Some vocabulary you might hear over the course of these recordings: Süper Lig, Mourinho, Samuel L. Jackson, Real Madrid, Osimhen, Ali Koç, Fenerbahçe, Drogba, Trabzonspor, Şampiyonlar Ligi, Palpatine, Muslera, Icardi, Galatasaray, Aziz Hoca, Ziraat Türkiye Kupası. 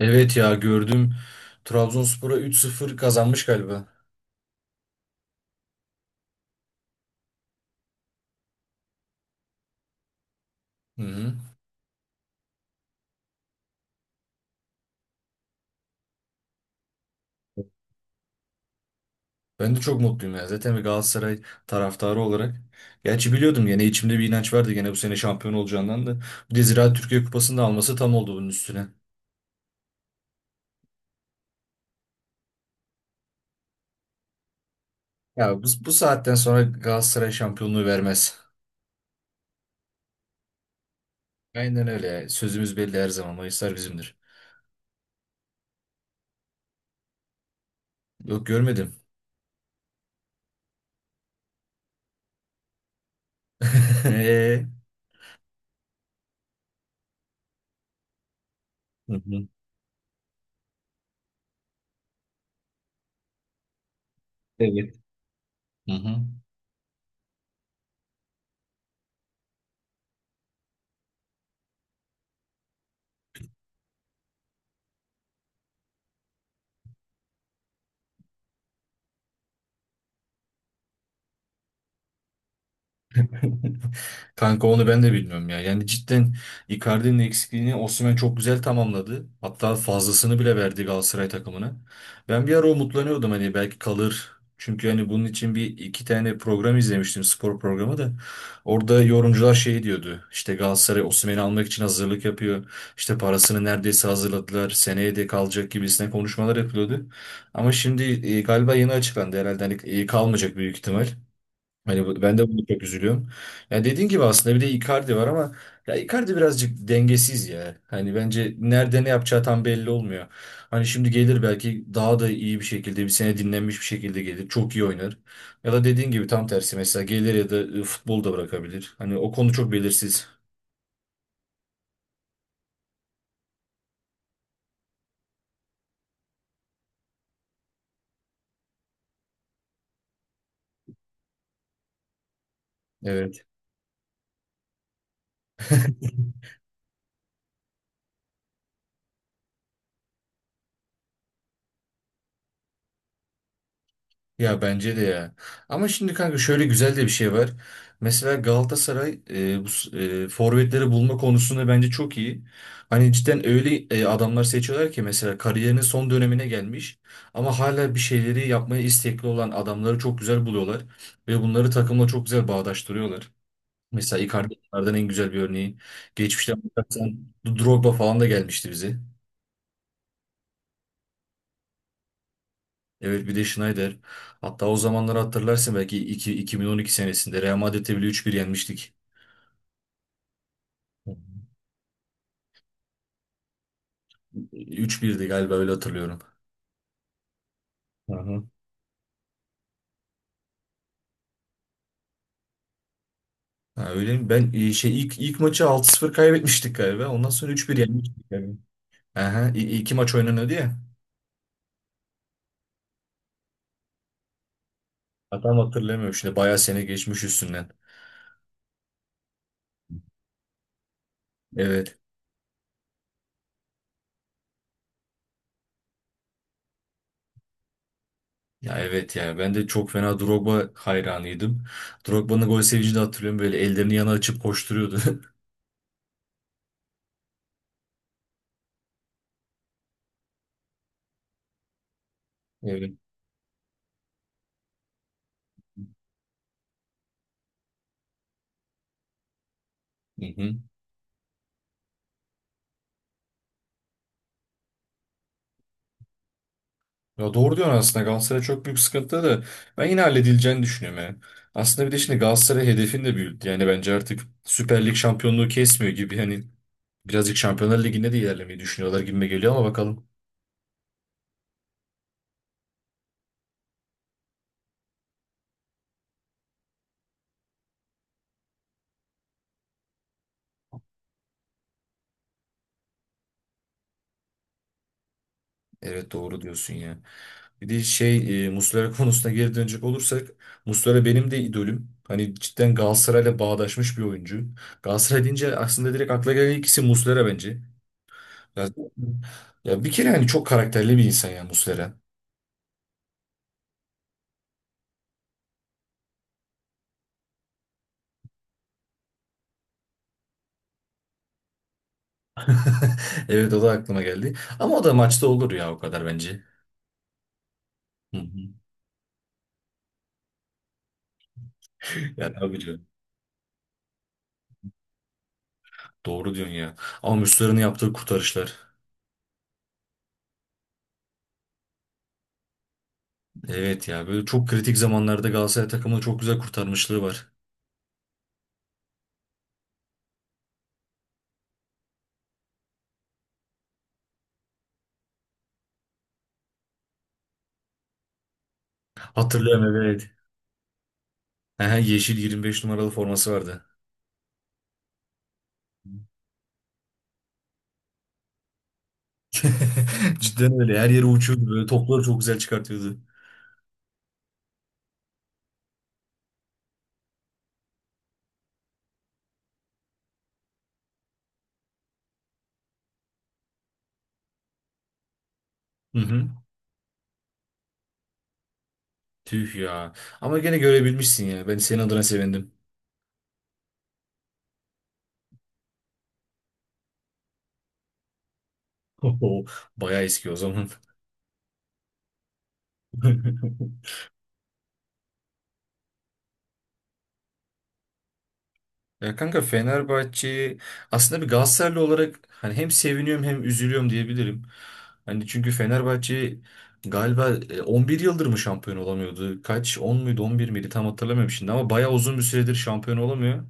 Evet ya gördüm. Trabzonspor'a 3-0 kazanmış galiba. Hı hı. Ben de çok mutluyum ya. Zaten bir Galatasaray taraftarı olarak. Gerçi biliyordum, gene içimde bir inanç vardı gene bu sene şampiyon olacağından da. Bir de Ziraat Türkiye Kupası'nı da alması tam oldu bunun üstüne. Ya bu saatten sonra Galatasaray şampiyonluğu vermez. Aynen öyle ya. Sözümüz belli her zaman. Mayıslar bizimdir. Yok, görmedim. Hı hı. Evet. Hı hı. Kanka onu ben de bilmiyorum ya. Yani cidden Icardi'nin eksikliğini Osimhen çok güzel tamamladı. Hatta fazlasını bile verdi Galatasaray takımına. Ben bir ara umutlanıyordum, hani belki kalır. Çünkü hani bunun için bir iki tane program izlemiştim, spor programı da. Orada yorumcular şey diyordu. İşte Galatasaray Osimhen'i almak için hazırlık yapıyor. İşte parasını neredeyse hazırladılar. Seneye de kalacak gibisine konuşmalar yapılıyordu. Ama şimdi galiba yeni açıklandı herhalde. Hani kalmayacak büyük ihtimal. Hani ben de bunu çok üzülüyorum. Ya dediğin gibi aslında bir de Icardi var ama ya Icardi birazcık dengesiz ya. Hani bence nerede ne yapacağı tam belli olmuyor. Hani şimdi gelir, belki daha da iyi bir şekilde, bir sene dinlenmiş bir şekilde gelir. Çok iyi oynar. Ya da dediğin gibi tam tersi, mesela gelir ya da futbolu da bırakabilir. Hani o konu çok belirsiz. Evet. Ya bence de ya. Ama şimdi kanka şöyle güzel de bir şey var. Mesela Galatasaray forvetleri bulma konusunda bence çok iyi. Hani cidden öyle adamlar seçiyorlar ki mesela kariyerinin son dönemine gelmiş ama hala bir şeyleri yapmaya istekli olan adamları çok güzel buluyorlar ve bunları takımla çok güzel bağdaştırıyorlar. Mesela Icardi bunlardan en güzel bir örneği. Geçmişten bakarsan Drogba falan da gelmişti bize. Evet, bir de Schneider. Hatta o zamanları hatırlarsın belki, 2012 senesinde Real Madrid'e bile 3-1 yenmiştik. Hı 3-1'di galiba, öyle hatırlıyorum. Hı. Hı. Ha, öyle mi? Ben şey, ilk maçı 6-0 kaybetmiştik galiba. Ondan sonra 3-1 yenmiştik galiba. Aha, iki maç oynanıyordu ya. Ha, tam hatırlamıyorum şimdi. Bayağı sene geçmiş üstünden. Evet. Ya evet ya. Ben de çok fena Drogba hayranıydım. Drogba'nın gol sevincini de hatırlıyorum. Böyle ellerini yana açıp koşturuyordu. Evet. Hı hı. Ya doğru diyorsun, aslında Galatasaray çok büyük sıkıntıda da ben yine halledileceğini düşünüyorum ya. Aslında bir de şimdi Galatasaray hedefini de büyüttü. Yani bence artık Süper Lig şampiyonluğu kesmiyor gibi, hani birazcık Şampiyonlar Ligi'nde de ilerlemeyi düşünüyorlar gibime geliyor ama bakalım. Evet, doğru diyorsun ya. Bir de şey, Muslera konusuna geri dönecek olursak, Muslera benim de idolüm. Hani cidden Galatasaray'la bağdaşmış bir oyuncu. Galatasaray deyince aslında direkt akla gelen ikisi isim Muslera bence. Ya, ya, bir kere hani çok karakterli bir insan ya Muslera. Evet, o da aklıma geldi. Ama o da maçta olur ya, o kadar bence. Hı hı. Yani abi diyor. Doğru diyorsun ya. Ama Müslüman'ın yaptığı kurtarışlar. Evet ya, böyle çok kritik zamanlarda Galatasaray takımını çok güzel kurtarmışlığı var. Hatırlıyorum, evet. Aha, yeşil 25 numaralı forması vardı. Cidden öyle. Her yere uçuyordu böyle. Topları çok güzel çıkartıyordu. Hı hı. Tüh ya. Ama gene görebilmişsin ya. Ben senin adına sevindim. Bayağı eski o zaman. Ya kanka, Fenerbahçe aslında bir Galatasaraylı olarak hani hem seviniyorum hem üzülüyorum diyebilirim. Hani çünkü Fenerbahçe galiba 11 yıldır mı şampiyon olamıyordu? Kaç? 10 muydu 11 miydi tam hatırlamıyorum şimdi ama bayağı uzun bir süredir şampiyon olamıyor.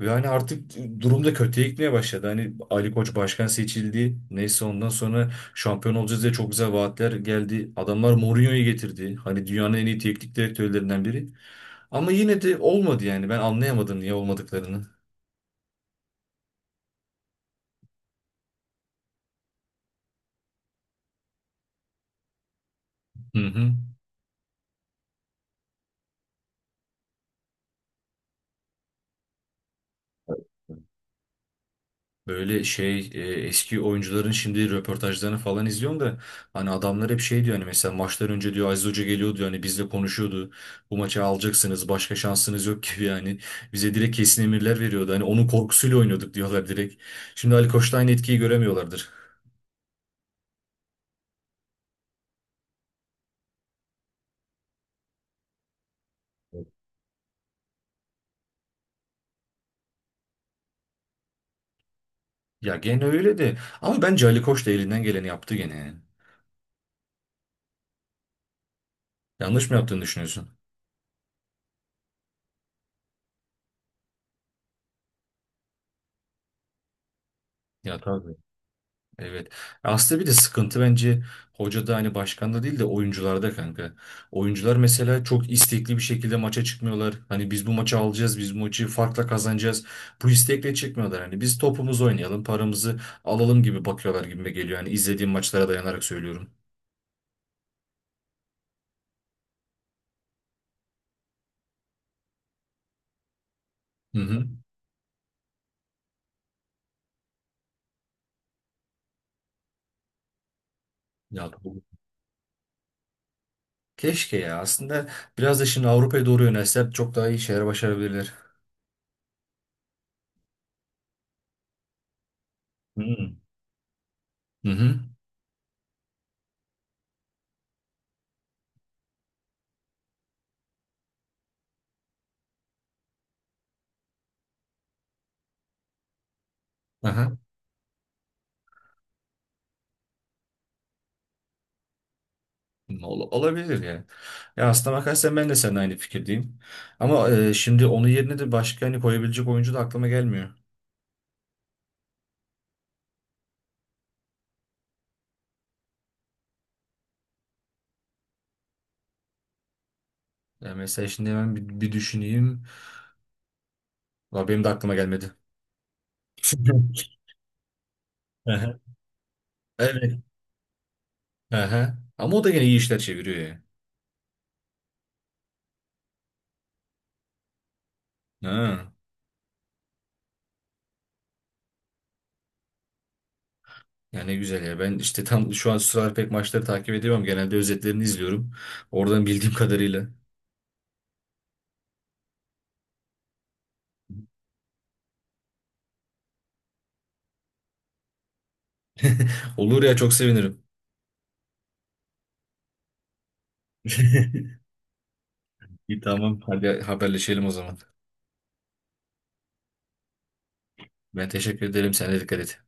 Ve hani artık durum da kötüye gitmeye başladı. Hani Ali Koç başkan seçildi. Neyse, ondan sonra şampiyon olacağız diye çok güzel vaatler geldi. Adamlar Mourinho'yu getirdi. Hani dünyanın en iyi teknik direktörlerinden biri. Ama yine de olmadı yani. Ben anlayamadım niye olmadıklarını. Hı hı. Böyle şey, eski oyuncuların şimdi röportajlarını falan izliyorum da hani adamlar hep şey diyor, hani mesela maçlar önce diyor Aziz Hoca geliyor diyor hani bizle konuşuyordu. Bu maçı alacaksınız, başka şansınız yok gibi yani. Bize direkt kesin emirler veriyordu. Hani onun korkusuyla oynuyorduk diyorlar direkt. Şimdi Ali Koç'ta aynı etkiyi göremiyorlardır. Ya gene öyle de, ama bence Ali Koç da elinden geleni yaptı gene yani. Yanlış mı yaptığını düşünüyorsun? Ya tabii. Evet. Aslında bir de sıkıntı bence hocada, hani başkanda değil de oyuncularda kanka. Oyuncular mesela çok istekli bir şekilde maça çıkmıyorlar. Hani biz bu maçı alacağız, biz bu maçı farkla kazanacağız. Bu istekle çıkmıyorlar. Hani biz topumuzu oynayalım, paramızı alalım gibi bakıyorlar gibi geliyor. Hani izlediğim maçlara dayanarak söylüyorum. Hı hı. Ya keşke ya. Aslında biraz da şimdi Avrupa'ya doğru yönelseler çok daha iyi şeyler başarabilirler. Hı hı. Hı hı. Aha. Olabilir yani. Ya aslına bakarsan ben de seninle aynı fikirdeyim. Ama şimdi onun yerine de başka hani koyabilecek oyuncu da aklıma gelmiyor. Ya mesela şimdi hemen bir düşüneyim. Valla benim de aklıma gelmedi. Aha. Evet. Aha. Ama o da gene iyi işler çeviriyor ya. Ha. Ya ne güzel ya. Ben işte tam şu an sıralar pek maçları takip edemem. Genelde özetlerini izliyorum. Oradan bildiğim kadarıyla. Olur ya, çok sevinirim. İyi, tamam. Hadi haberleşelim o zaman. Ben teşekkür ederim. Sen de dikkat et.